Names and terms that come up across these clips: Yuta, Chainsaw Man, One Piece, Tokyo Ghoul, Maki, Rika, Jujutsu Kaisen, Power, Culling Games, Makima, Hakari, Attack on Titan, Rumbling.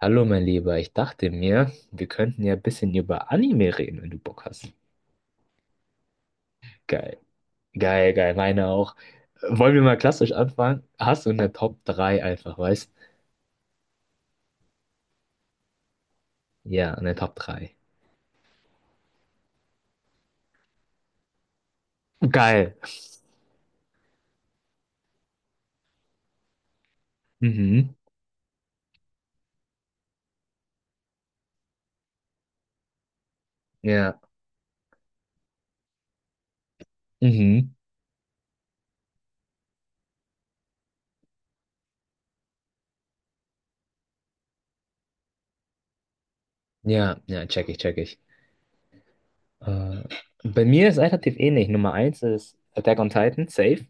Hallo, mein Lieber, ich dachte mir, wir könnten ja ein bisschen über Anime reden, wenn du Bock hast. Geil, geil, geil, meine auch. Wollen wir mal klassisch anfangen? Hast du eine Top drei einfach, weißt? Ja, eine Top 3. Geil. Mhm. Ja. Mhm. Ja, ja, check ich, check ich. Äh, bei mir ist relativ ähnlich. Nummer eins ist Attack on Titan, safe.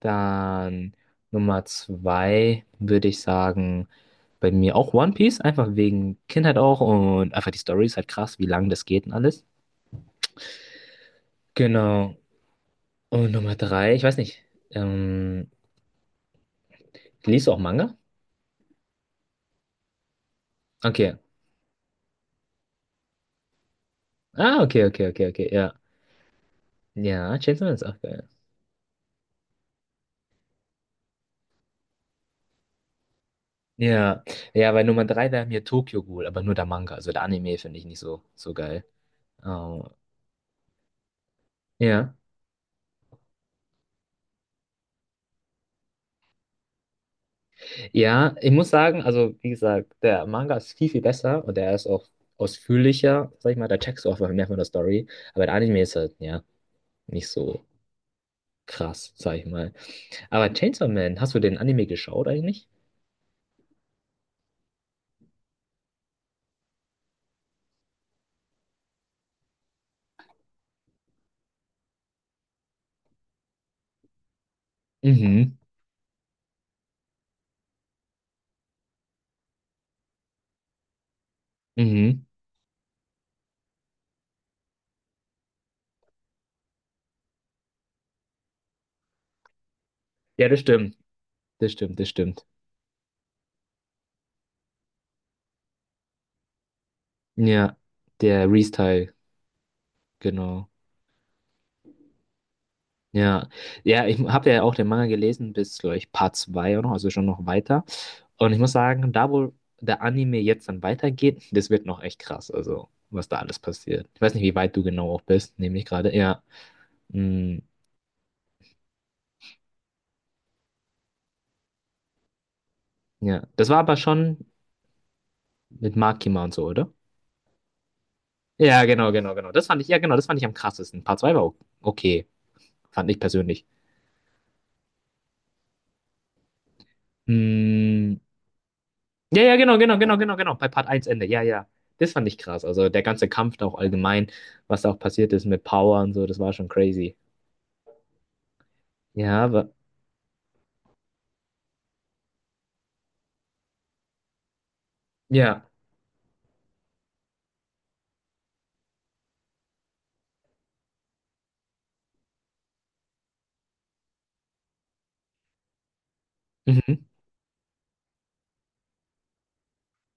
Dann Nummer zwei würde ich sagen, bei mir auch One Piece, einfach wegen Kindheit auch und einfach die Story ist halt krass, wie lang das geht und alles. Genau. Und Nummer drei, ich weiß nicht, ähm, liest du auch Manga? Okay. Ah, okay, okay, okay, okay, ja. Ja, Chainsaw Man ist auch geil. Ja, ja, bei Nummer drei wäre mir Tokyo Ghoul, aber nur der Manga, also der Anime finde ich nicht so, so geil. Oh, ja. Ja, ich muss sagen, also wie gesagt, der Manga ist viel, viel besser und der ist auch ausführlicher, sag ich mal, da checkst du auch mehr von der Story, aber der Anime ist halt, ja, nicht so krass, sag ich mal. Aber Chainsaw Man, hast du den Anime geschaut eigentlich? Mhm, mhm. Ja, das stimmt, das stimmt, das stimmt. Ja, der Re-Teil, genau. Ja, ja, ich habe ja auch den Manga gelesen bis, glaube ich, Part zwei oder noch, also schon noch weiter. Und ich muss sagen, da wo der Anime jetzt dann weitergeht, das wird noch echt krass, also was da alles passiert. Ich weiß nicht, wie weit du genau auch bist, nämlich gerade. Ja, mm, ja, das war aber schon mit Makima und so, oder? Ja, genau, genau, genau. Das fand ich, ja, genau, das fand ich am krassesten. Part 2 war okay, fand ich persönlich. Mm, ja, ja, genau, genau, genau, genau, genau. Bei Part eins Ende. Ja, ja. Das fand ich krass. Also der ganze Kampf da auch allgemein, was da auch passiert ist mit Power und so, das war schon crazy. Ja, aber. Ja. Mhm.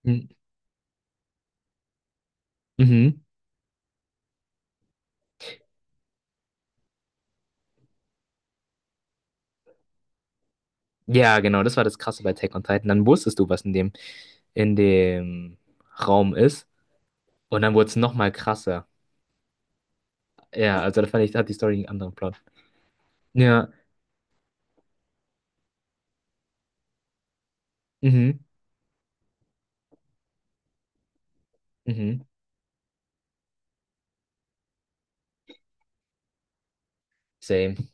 Mhm. Mhm. Ja, genau, das war das Krasse bei Attack on Titan. Dann wusstest du, was in dem Raum ist. Und dann wurde es nochmal krasser. Ja, also da fand ich, da hat die Story einen anderen Plot. Ja. Mhm. Mhm. Same.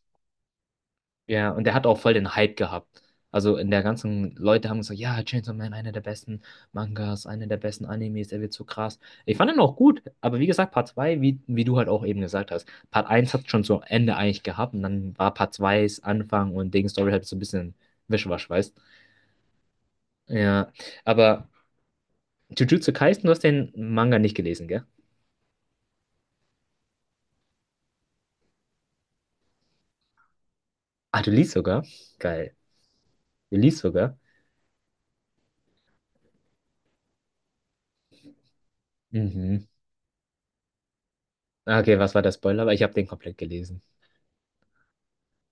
Ja, und der hat auch voll den Hype gehabt. Also in der ganzen Leute haben gesagt, ja, Chainsaw Man, einer der besten Mangas, einer der besten Animes, der wird so krass. Ich fand ihn auch gut, aber wie gesagt, Part 2 wie du halt auch eben gesagt hast, Part eins hat schon so Ende eigentlich gehabt und dann war Part 2s Anfang und Ding Story halt so ein bisschen Wischwasch, weißt? Ja, aber Jujutsu Kaisen, du hast den Manga nicht gelesen, gell? Ah, du liest sogar? Geil. Du liest sogar? Mhm. Okay, was war der Spoiler? Aber ich habe den komplett gelesen.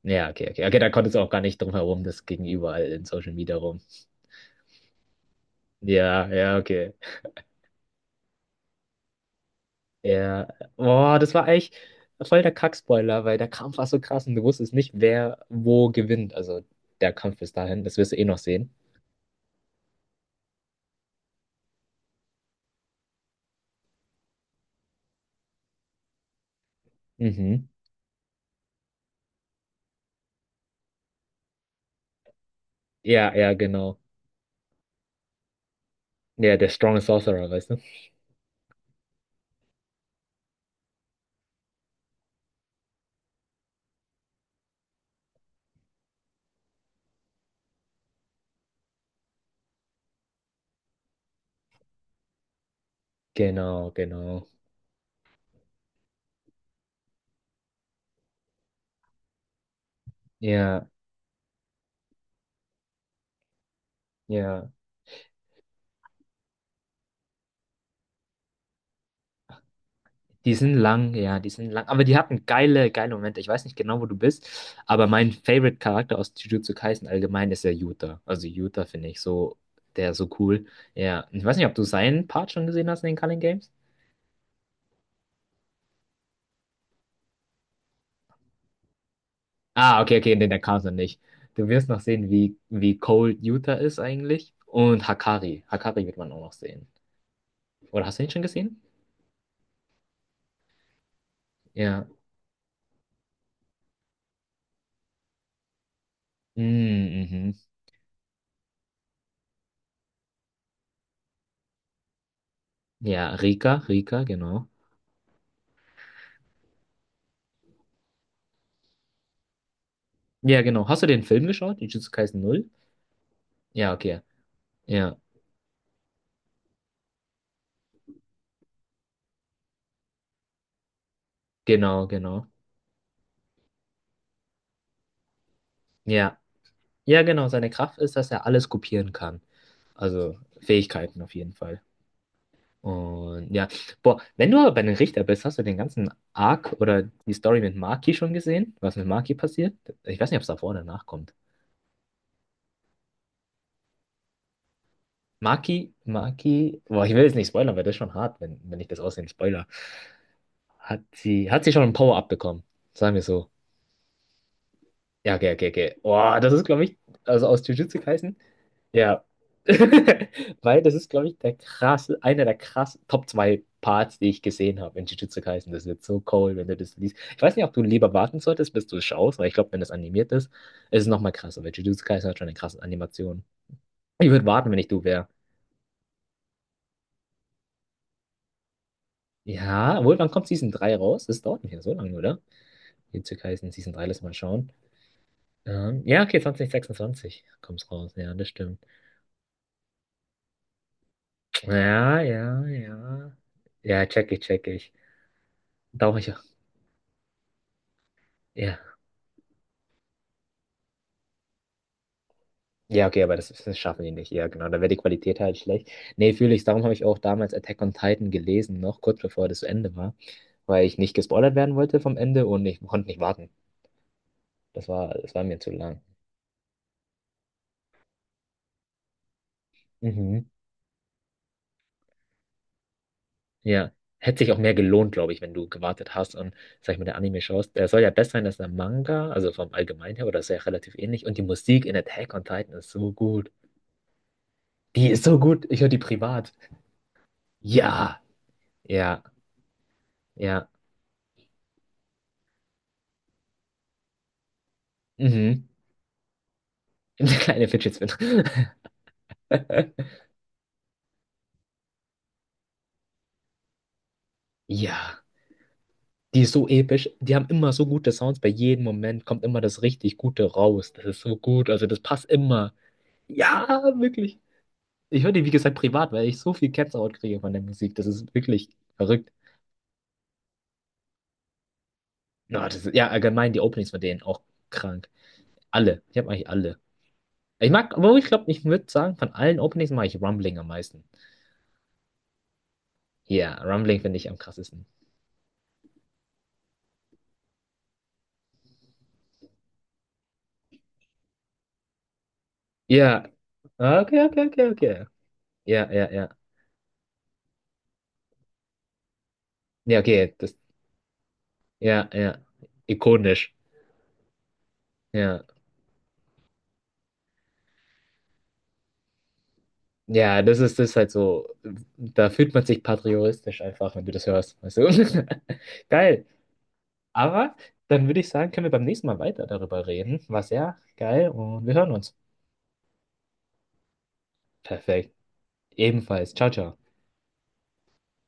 Ja, okay, okay. Okay, da konntest du auch gar nicht drum herum, das ging überall in Social Media rum. Ja, ja, okay. Ja. Boah, das war echt voll der Kackspoiler, weil der Kampf war so krass und du wusstest nicht, wer wo gewinnt. Also der Kampf bis dahin, das wirst du eh noch sehen. Mhm. Ja, ja, genau. Ja, der Strongest Sorcerer, weißt du? Genau, genau. Ja, ja. Die sind lang, ja, die sind lang. Aber die hatten geile, geile Momente. Ich weiß nicht genau, wo du bist, aber mein Favorite-Charakter aus Jujutsu Kaisen allgemein ist ja Yuta. Also Yuta finde ich so, der ist so cool. Ja, ich weiß nicht, ob du seinen Part schon gesehen hast in den Culling Games. Ah, okay, okay, nee, der kam noch nicht. Du wirst noch sehen, wie cold Yuta ist eigentlich. Und Hakari. Hakari wird man auch noch sehen. Oder hast du ihn schon gesehen? Ja. Mm, mhm. Ja, Rika, Rika, genau. Ja, genau. Hast du den Film geschaut? Jujutsu Kaisen 0? Ja, okay. Ja. Genau, genau. Ja. Ja, genau. Seine Kraft ist, dass er alles kopieren kann. Also Fähigkeiten auf jeden Fall. Und ja, boah, wenn du aber bei den Richter bist, hast du den ganzen Arc oder die Story mit Maki schon gesehen? Was mit Maki passiert? Ich weiß nicht, ob es davor oder danach kommt. Maki, Maki, boah, ich will jetzt nicht spoilern, weil das ist schon hart, wenn ich das aussehen spoiler. Hat sie schon ein Power-Up bekommen? Sagen wir so. Ja, okay, okay, okay. Boah, das ist, glaube ich, also aus Jujutsu Kaisen. Ja. Weil das ist, glaube ich, der krasse, einer der krassen Top 2 Parts, die ich gesehen habe in Jujutsu Kaisen. Das wird so cool, wenn du das liest. Ich weiß nicht, ob du lieber warten solltest, bis du es schaust, weil ich glaube, wenn das animiert ist, ist es nochmal krasser, weil Jujutsu Kaisen hat schon eine krasse Animation. Ich würde warten, wenn ich du wäre. Ja, obwohl, wann kommt Season drei raus? Das dauert nicht mehr so lange, oder? Jujutsu Kaisen Season 3, lass mal schauen. Ja, okay, 2026, kommt's raus. Ja, das stimmt. Ja, ja, ja. Ja, check ich, check ich. Dauert ja. Ja. Ja, okay, aber das, das schaffen die nicht. Ja, genau. Da wäre die Qualität halt schlecht. Nee, fühle ich. Darum habe ich auch damals Attack on Titan gelesen, noch kurz bevor das zu Ende war, weil ich nicht gespoilert werden wollte vom Ende und ich konnte nicht warten. Das war mir zu lang. Mhm. Ja. Hätte sich auch mehr gelohnt, glaube ich, wenn du gewartet hast und, sag ich mal, der Anime schaust. Der soll ja besser sein als der Manga, also vom Allgemeinen her, oder ist ja relativ ähnlich. Und die Musik in Attack on Titan ist so gut. Die ist so gut. Ich höre die privat. Ja, ja, ja. Mhm. Der kleine Fidget Spinner. Ja, die ist so episch. Die haben immer so gute Sounds. Bei jedem Moment kommt immer das richtig Gute raus. Das ist so gut. Also das passt immer. Ja, wirklich. Ich höre die, wie gesagt, privat, weil ich so viel Gänsehaut kriege von der Musik. Das ist wirklich verrückt. Na, das ist, ja, allgemein die Openings von denen auch krank. Alle. Ich habe eigentlich alle. Ich mag, aber ich glaube, ich würde sagen, von allen Openings mag ich Rumbling am meisten. Ja, Rumbling finde ich am krassesten. Ja. Ah, okay, okay, okay, okay. Ja, ja, ja. Ja, okay. Das, ja, ja. Ikonisch. Ja, ja, das ist halt so. Da fühlt man sich patriotisch einfach, wenn du das hörst. Weißt du? Geil. Aber dann würde ich sagen, können wir beim nächsten Mal weiter darüber reden. War sehr geil und wir hören uns. Perfekt. Ebenfalls. Ciao, ciao.